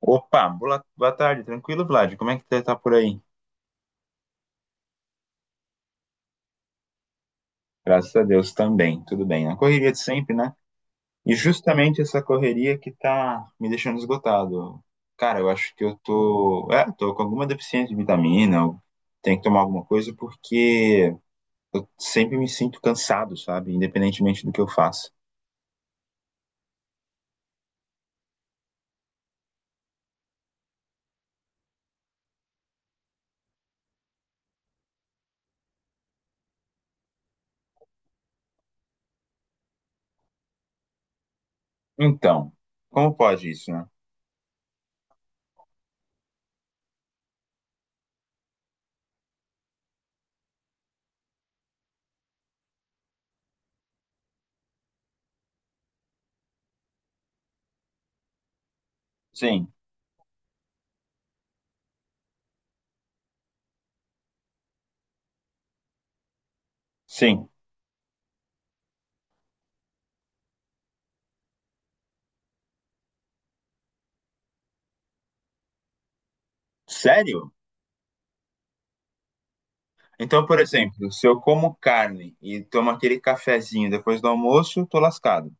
Opa, boa, boa tarde, tranquilo, Vlad? Como é que você tá por aí? Graças a Deus também, tudo bem. Na correria de sempre, né? E justamente essa correria que tá me deixando esgotado. Cara, eu acho que eu tô, tô com alguma deficiência de vitamina, eu tenho que tomar alguma coisa porque eu sempre me sinto cansado, sabe? Independentemente do que eu faço. Então, como pode isso, né? Sim, sim. Sério? Então, por exemplo, se eu como carne e tomo aquele cafezinho depois do almoço, eu tô lascado.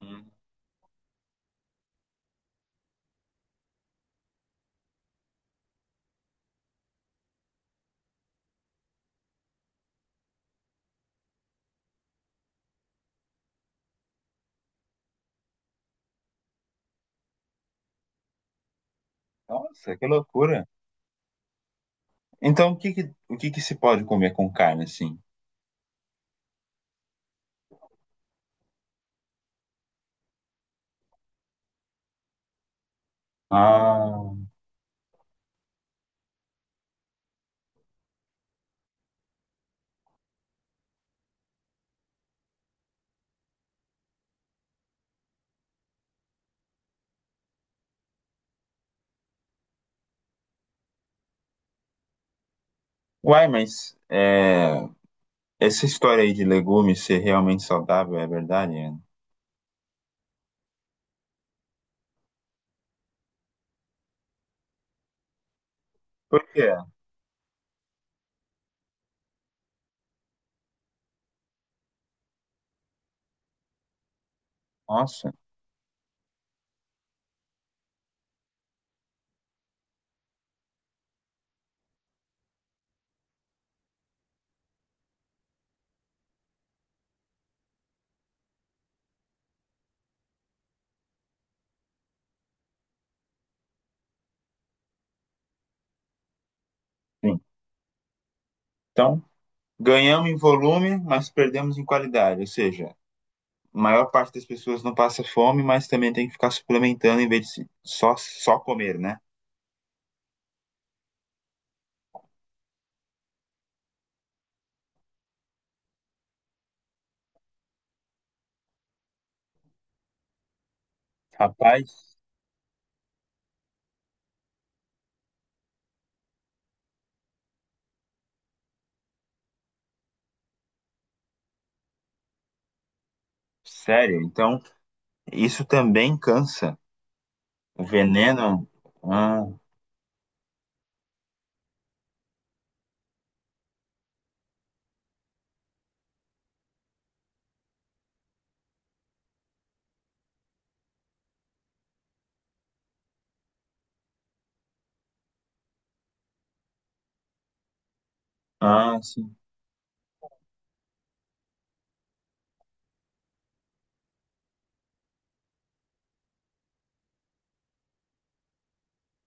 Hum. Nossa, que loucura. Então, o que que se pode comer com carne, assim? Ah, uai, mas é, essa história aí de legumes ser realmente saudável é verdade, Ana? Por quê? Nossa, sim. Então, ganhamos em volume, mas perdemos em qualidade. Ou seja, a maior parte das pessoas não passa fome, mas também tem que ficar suplementando em vez de só, só comer, né? Rapaz, sério. Então, isso também cansa. O veneno. Ah, ah, sim.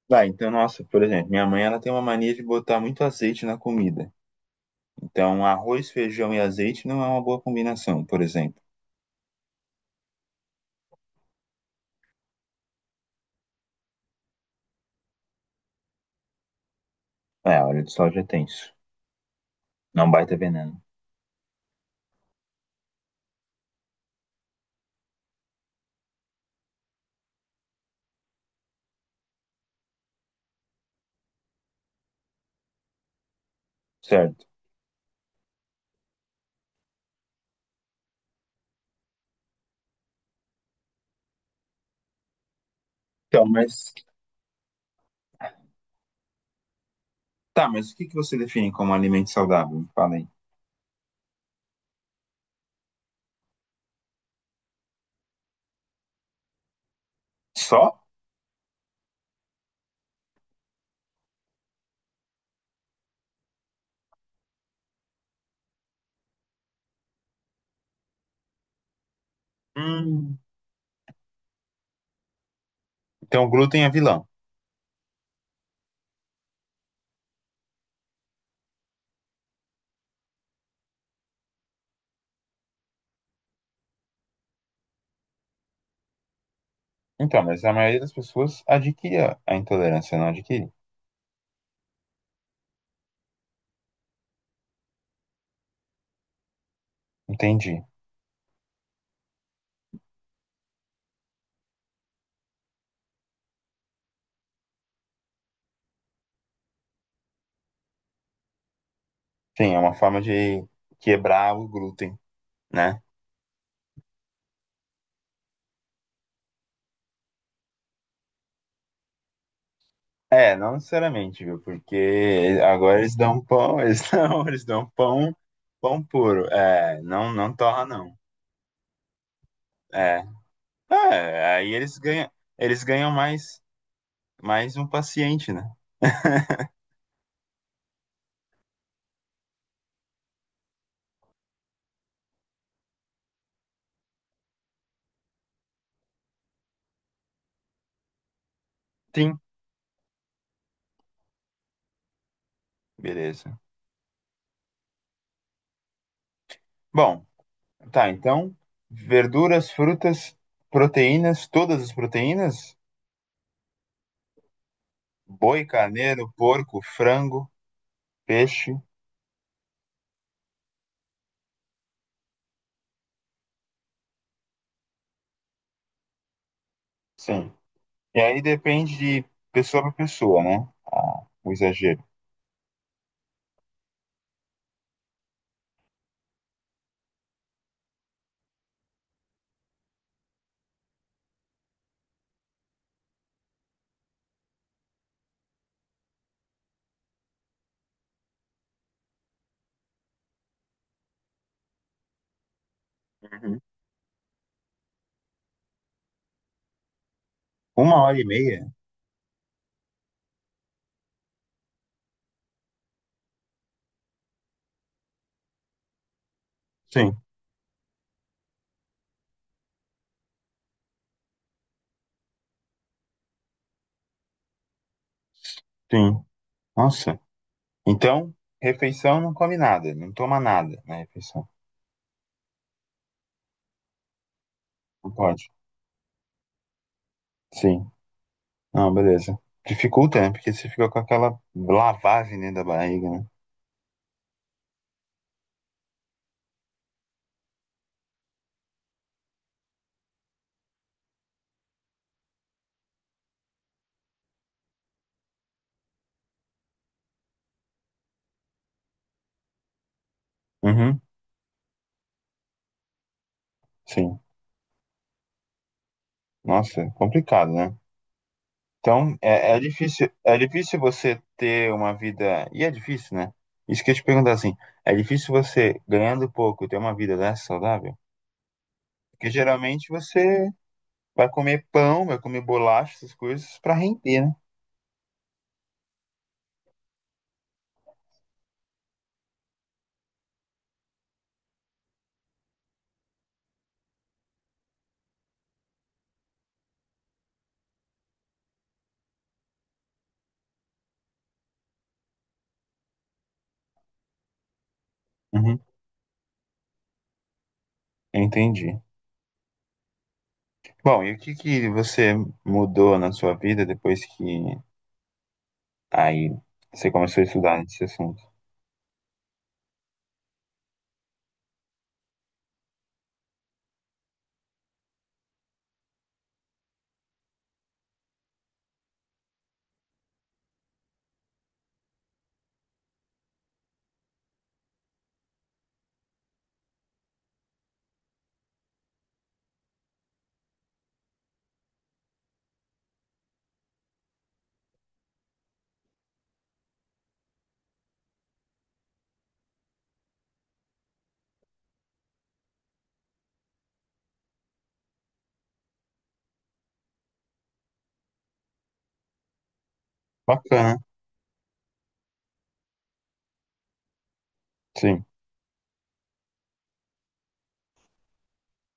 Vai, então, nossa, por exemplo, minha mãe ela tem uma mania de botar muito azeite na comida. Então, arroz, feijão e azeite não é uma boa combinação, por exemplo. É, óleo de soja é tenso. Não é um baita veneno. Certo. Então, mas. Tá, mas o que que você define como alimento saudável? Me fala aí. Só? Hum. Então, o glúten é vilão. Então, mas a maioria das pessoas adquire a intolerância, não adquire. Entendi. Sim, é uma forma de quebrar o glúten, né? É, não necessariamente, viu? Porque agora eles dão pão, eles não, eles dão pão, pão puro. É, não, não torra não. É, é, aí eles ganham mais, mais um paciente, né? Sim, beleza. Bom, tá, então, verduras, frutas, proteínas, todas as proteínas, boi, carneiro, porco, frango, peixe, sim. E aí depende de pessoa para pessoa, né? O exagero. Uhum. Uma hora e meia? Sim. Sim. Nossa. Então, refeição não come nada, não toma nada na refeição. Não pode. Sim. Não, beleza. Dificulta, né? Porque você fica com aquela lavagem dentro da barriga, né? Uhum. Sim. Nossa, é complicado, né? Então, é, é difícil você ter uma vida. E é difícil, né? Isso que eu ia te perguntar assim, é difícil você, ganhando pouco, ter uma vida dessa saudável? Porque geralmente você vai comer pão, vai comer bolacha, essas coisas, pra render, né? Uhum. Entendi. Bom, e o que que você mudou na sua vida depois que aí você começou a estudar esse assunto? Bacana, sim.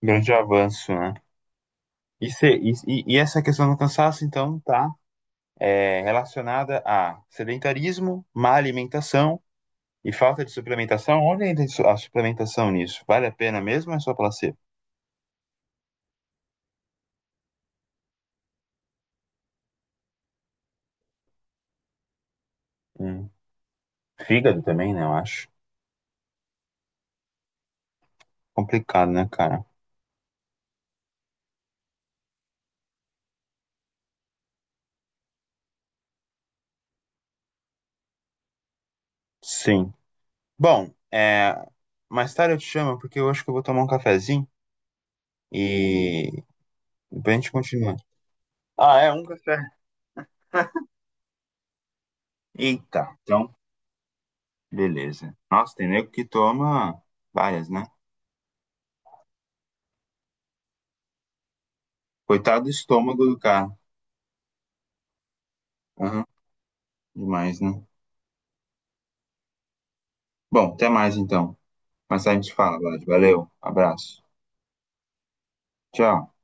Grande avanço, né? E, e essa questão do cansaço, então, tá é, relacionada a sedentarismo, má alimentação e falta de suplementação. Onde entra isso- a suplementação nisso? Vale a pena mesmo ou é só placebo? Hum. Fígado também, né? Eu acho. Complicado, né, cara? Sim. Bom, é, mais tarde eu te chamo porque eu acho que eu vou tomar um cafezinho. E depois a gente continua. Ah, é um café. Eita, então, beleza. Nossa, tem nego que toma várias, né? Coitado do estômago do cara. Aham, demais, né? Bom, até mais então. Mas a gente fala, Vlad. Valeu, abraço. Tchau.